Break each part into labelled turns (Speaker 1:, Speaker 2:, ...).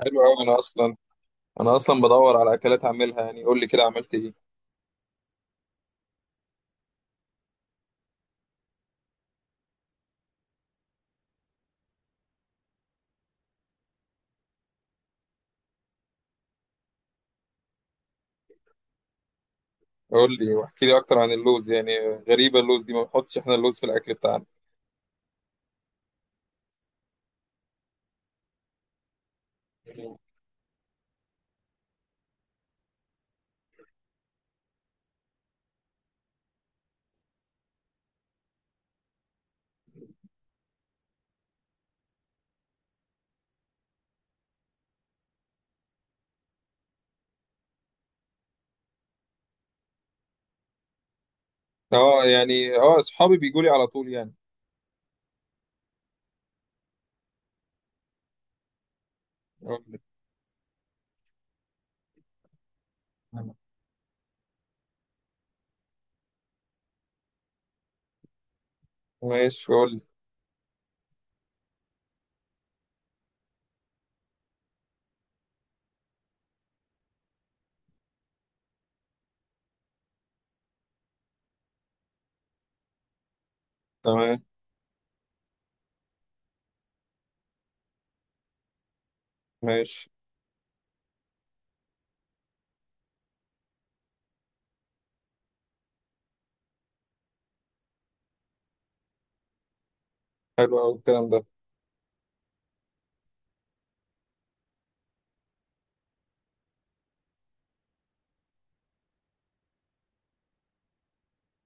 Speaker 1: حلو قوي. انا اصلا بدور على اكلات اعملها، يعني قول لي كده عملت ايه؟ قول لي واحكي لي اكتر عن اللوز يعني. غريبه اللوز دي، ما بنحطش احنا اللوز في الاكل بتاعنا. اه، يعني اه، اصحابي بيجوا لي على طول يعني. قول لي. ماشي، قول لي. تمام. ماشي. حلو قوي الكلام ده.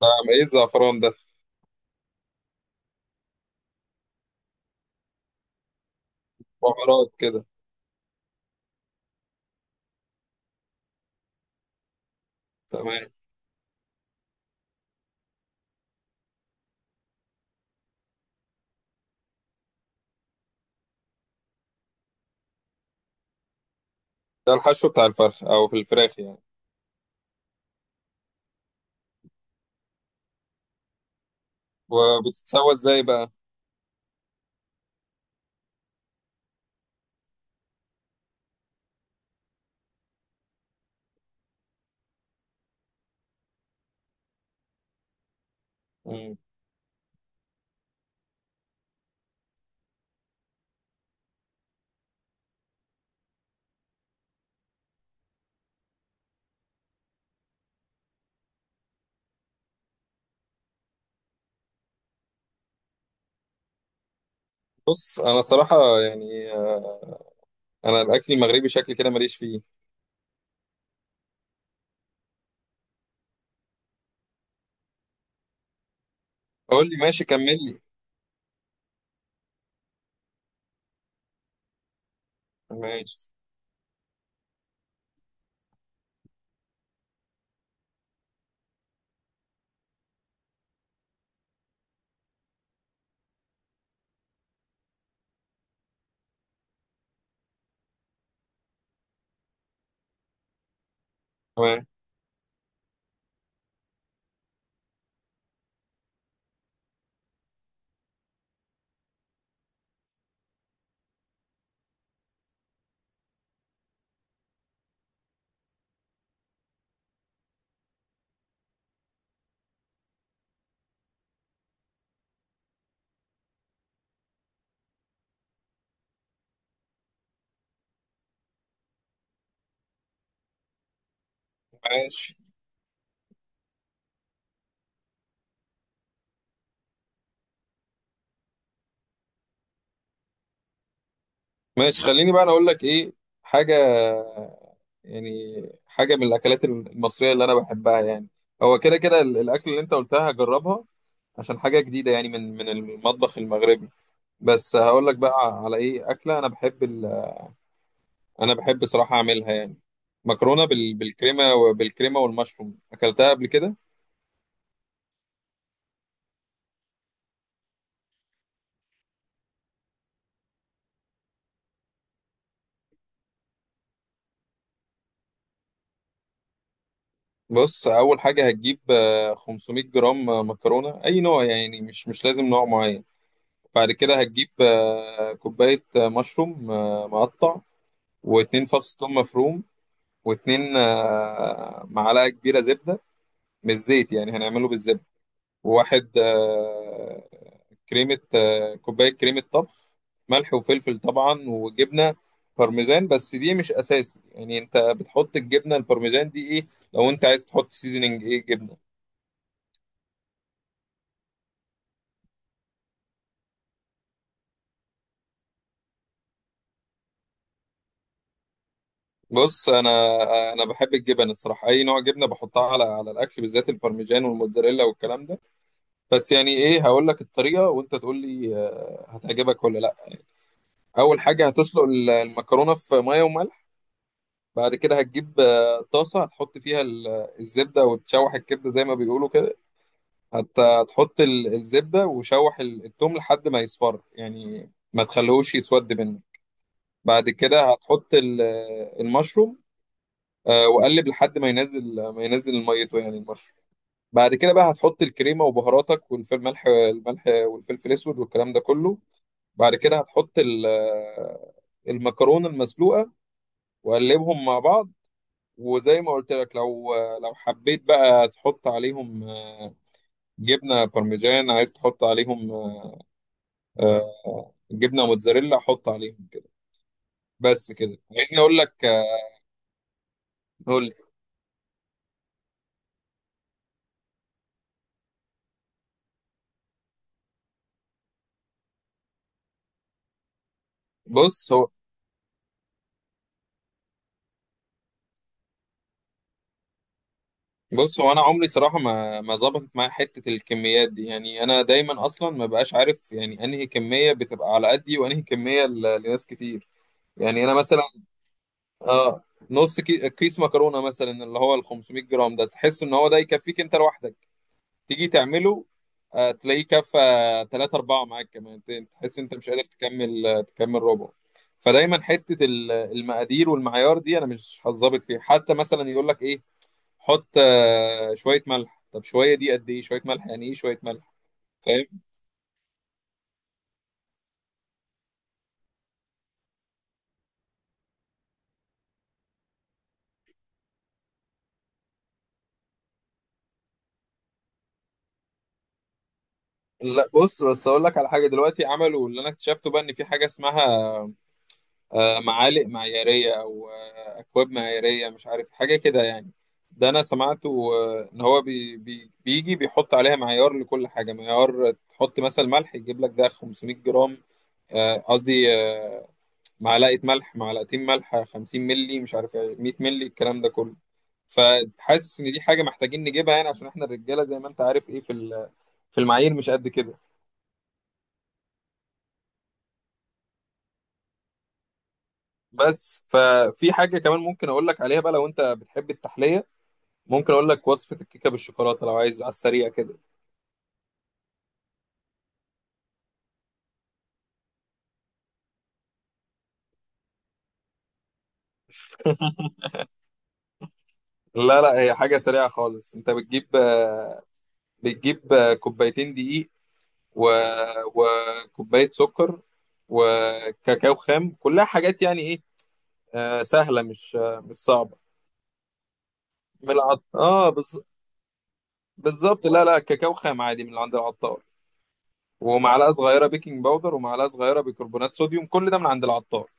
Speaker 1: ده ايه الزعفران ده؟ بهارات كده؟ تمام. ده الحشو بتاع الفرخ او في الفراخ يعني؟ وبتتسوى ازاي بقى؟ مم. بص، انا صراحه يعني انا الاكل المغربي شكل كده ماليش فيه. قول لي، ماشي، كمل لي. ماشي. تمام. ماشي. ماشي، خليني بقى انا اقول لك ايه حاجه يعني. حاجه من الاكلات المصريه اللي انا بحبها يعني. هو كده كده الاكل اللي انت قلتها هجربها، عشان حاجه جديده يعني من المطبخ المغربي. بس هقول لك بقى على ايه اكله. انا بحب انا بحب صراحه اعملها يعني، مكرونه بالكريمه والمشروم، اكلتها قبل كده. بص، اول حاجه هتجيب 500 جرام مكرونه، اي نوع يعني مش لازم نوع معين. بعد كده هتجيب كوباية مشروم مقطع. واتنين فص ثوم مفروم، واتنين معلقة كبيرة زبدة، مش زيت يعني، هنعمله بالزبدة. وواحد كريمة كوباية كريمة طبخ. ملح وفلفل طبعا، وجبنة بارميزان، بس دي مش أساسي يعني. أنت بتحط الجبنة البارميزان دي إيه، لو أنت عايز تحط سيزنينج إيه جبنة. بص، أنا بحب الجبن الصراحة، أي نوع جبنة بحطها على الأكل، بالذات البارميجان والموتزاريلا والكلام ده. بس يعني ايه، هقول لك الطريقه وانت تقول لي هتعجبك ولا لا. اول حاجه هتسلق المكرونه في ميه وملح. بعد كده هتجيب طاسه، هتحط فيها الزبده وتشوح الكبده زي ما بيقولوا كده. هتحط الزبده، وشوح التوم لحد ما يصفر يعني، ما تخليهوش يسود منك. بعد كده هتحط المشروم. وقلب لحد ما ينزل ميته، يعني المشروم. بعد كده بقى هتحط الكريمه وبهاراتك والفلفل، الملح والفلفل الاسود والكلام ده كله. بعد كده هتحط المكرونة المسلوقة، وقلبهم مع بعض. وزي ما قلت لك، لو حبيت بقى تحط عليهم جبنة بارميجان، عايز تحط عليهم آه، جبنة موتزاريلا، حط عليهم كده. بس كده. عايزني اقول لك قول لي. بص هو بص هو انا عمري صراحة ما ظبطت معايا حتة الكميات دي، يعني انا دايما اصلا ما بقاش عارف يعني انهي كمية بتبقى على قدي وانهي كمية لناس كتير. يعني انا مثلا، اه نص كيس مكرونه مثلا، اللي هو ال 500 جرام ده، تحس ان هو ده يكفيك انت لوحدك. تيجي تعمله تلاقيه كفى 3 4 معاك كمان، تحس انت مش قادر تكمل، تكمل ربع. فدايما حته المقادير والمعيار دي، انا مش هتظبط فيها. حتى مثلا يقول لك ايه، حط شويه ملح. طب شويه دي قد ايه؟ شويه ملح يعني ايه شويه ملح؟ فاهم. لا، بص، بس اقول لك على حاجه. دلوقتي عملوا، اللي انا اكتشفته بقى، ان في حاجه اسمها معالق معيارية، أو أكواب معيارية، مش عارف حاجة كده يعني. ده أنا سمعته، إن هو بي بي بيجي بيحط عليها معيار لكل حاجة. معيار تحط مثلا ملح، يجيب لك ده 500 جرام، قصدي معلقة ملح، معلقتين ملح، 50 ملي، مش عارف إيه، 100 ملي، الكلام ده كله. فحاسس إن دي حاجة محتاجين نجيبها يعني، عشان إحنا الرجالة زي ما أنت عارف إيه، في المعايير مش قد كده. بس ففي حاجة كمان ممكن أقول لك عليها بقى، لو أنت بتحب التحلية، ممكن اقول لك وصفة الكيكة بالشوكولاتة لو عايز على السريع كده. لا لا، هي حاجة سريعة خالص. انت بتجيب كوبايتين دقيق و... وكوباية سكر وكاكاو خام. كلها حاجات يعني ايه، سهلة، مش صعبة. من العط... اه بز... بالظبط، لا لا، كاكاو خام عادي من عند العطار. ومعلقة صغيرة بيكنج باودر، ومعلقة صغيرة بيكربونات صوديوم، كل ده من عند العطار.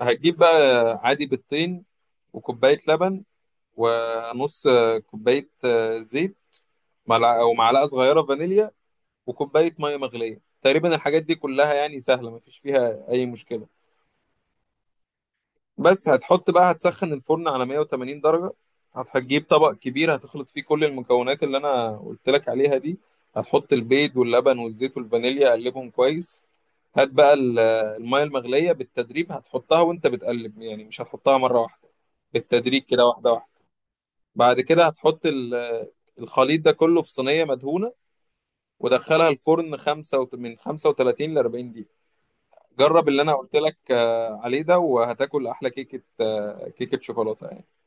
Speaker 1: هتجيب بقى عادي بيضتين، وكوباية لبن، ونص كوباية زيت، أو معلقة صغيرة فانيليا، وكوباية مية مغلية تقريبا. الحاجات دي كلها يعني سهلة، مفيش فيها أي مشكلة. بس هتحط بقى. هتسخن الفرن على 180 درجة. هتجيب طبق كبير، هتخلط فيه كل المكونات اللي أنا قلت لك عليها دي. هتحط البيض واللبن والزيت والفانيليا، قلبهم كويس. هات بقى المية المغلية بالتدريج، هتحطها وأنت بتقلب يعني، مش هتحطها مرة واحدة. بالتدريج كده، واحدة واحدة. بعد كده هتحط الخليط ده كله في صينية مدهونة، ودخلها الفرن من 35 ل 40 دقيقة. جرب اللي انا قلت لك عليه ده، وهتاكل احلى كيكة شوكولاتة يعني.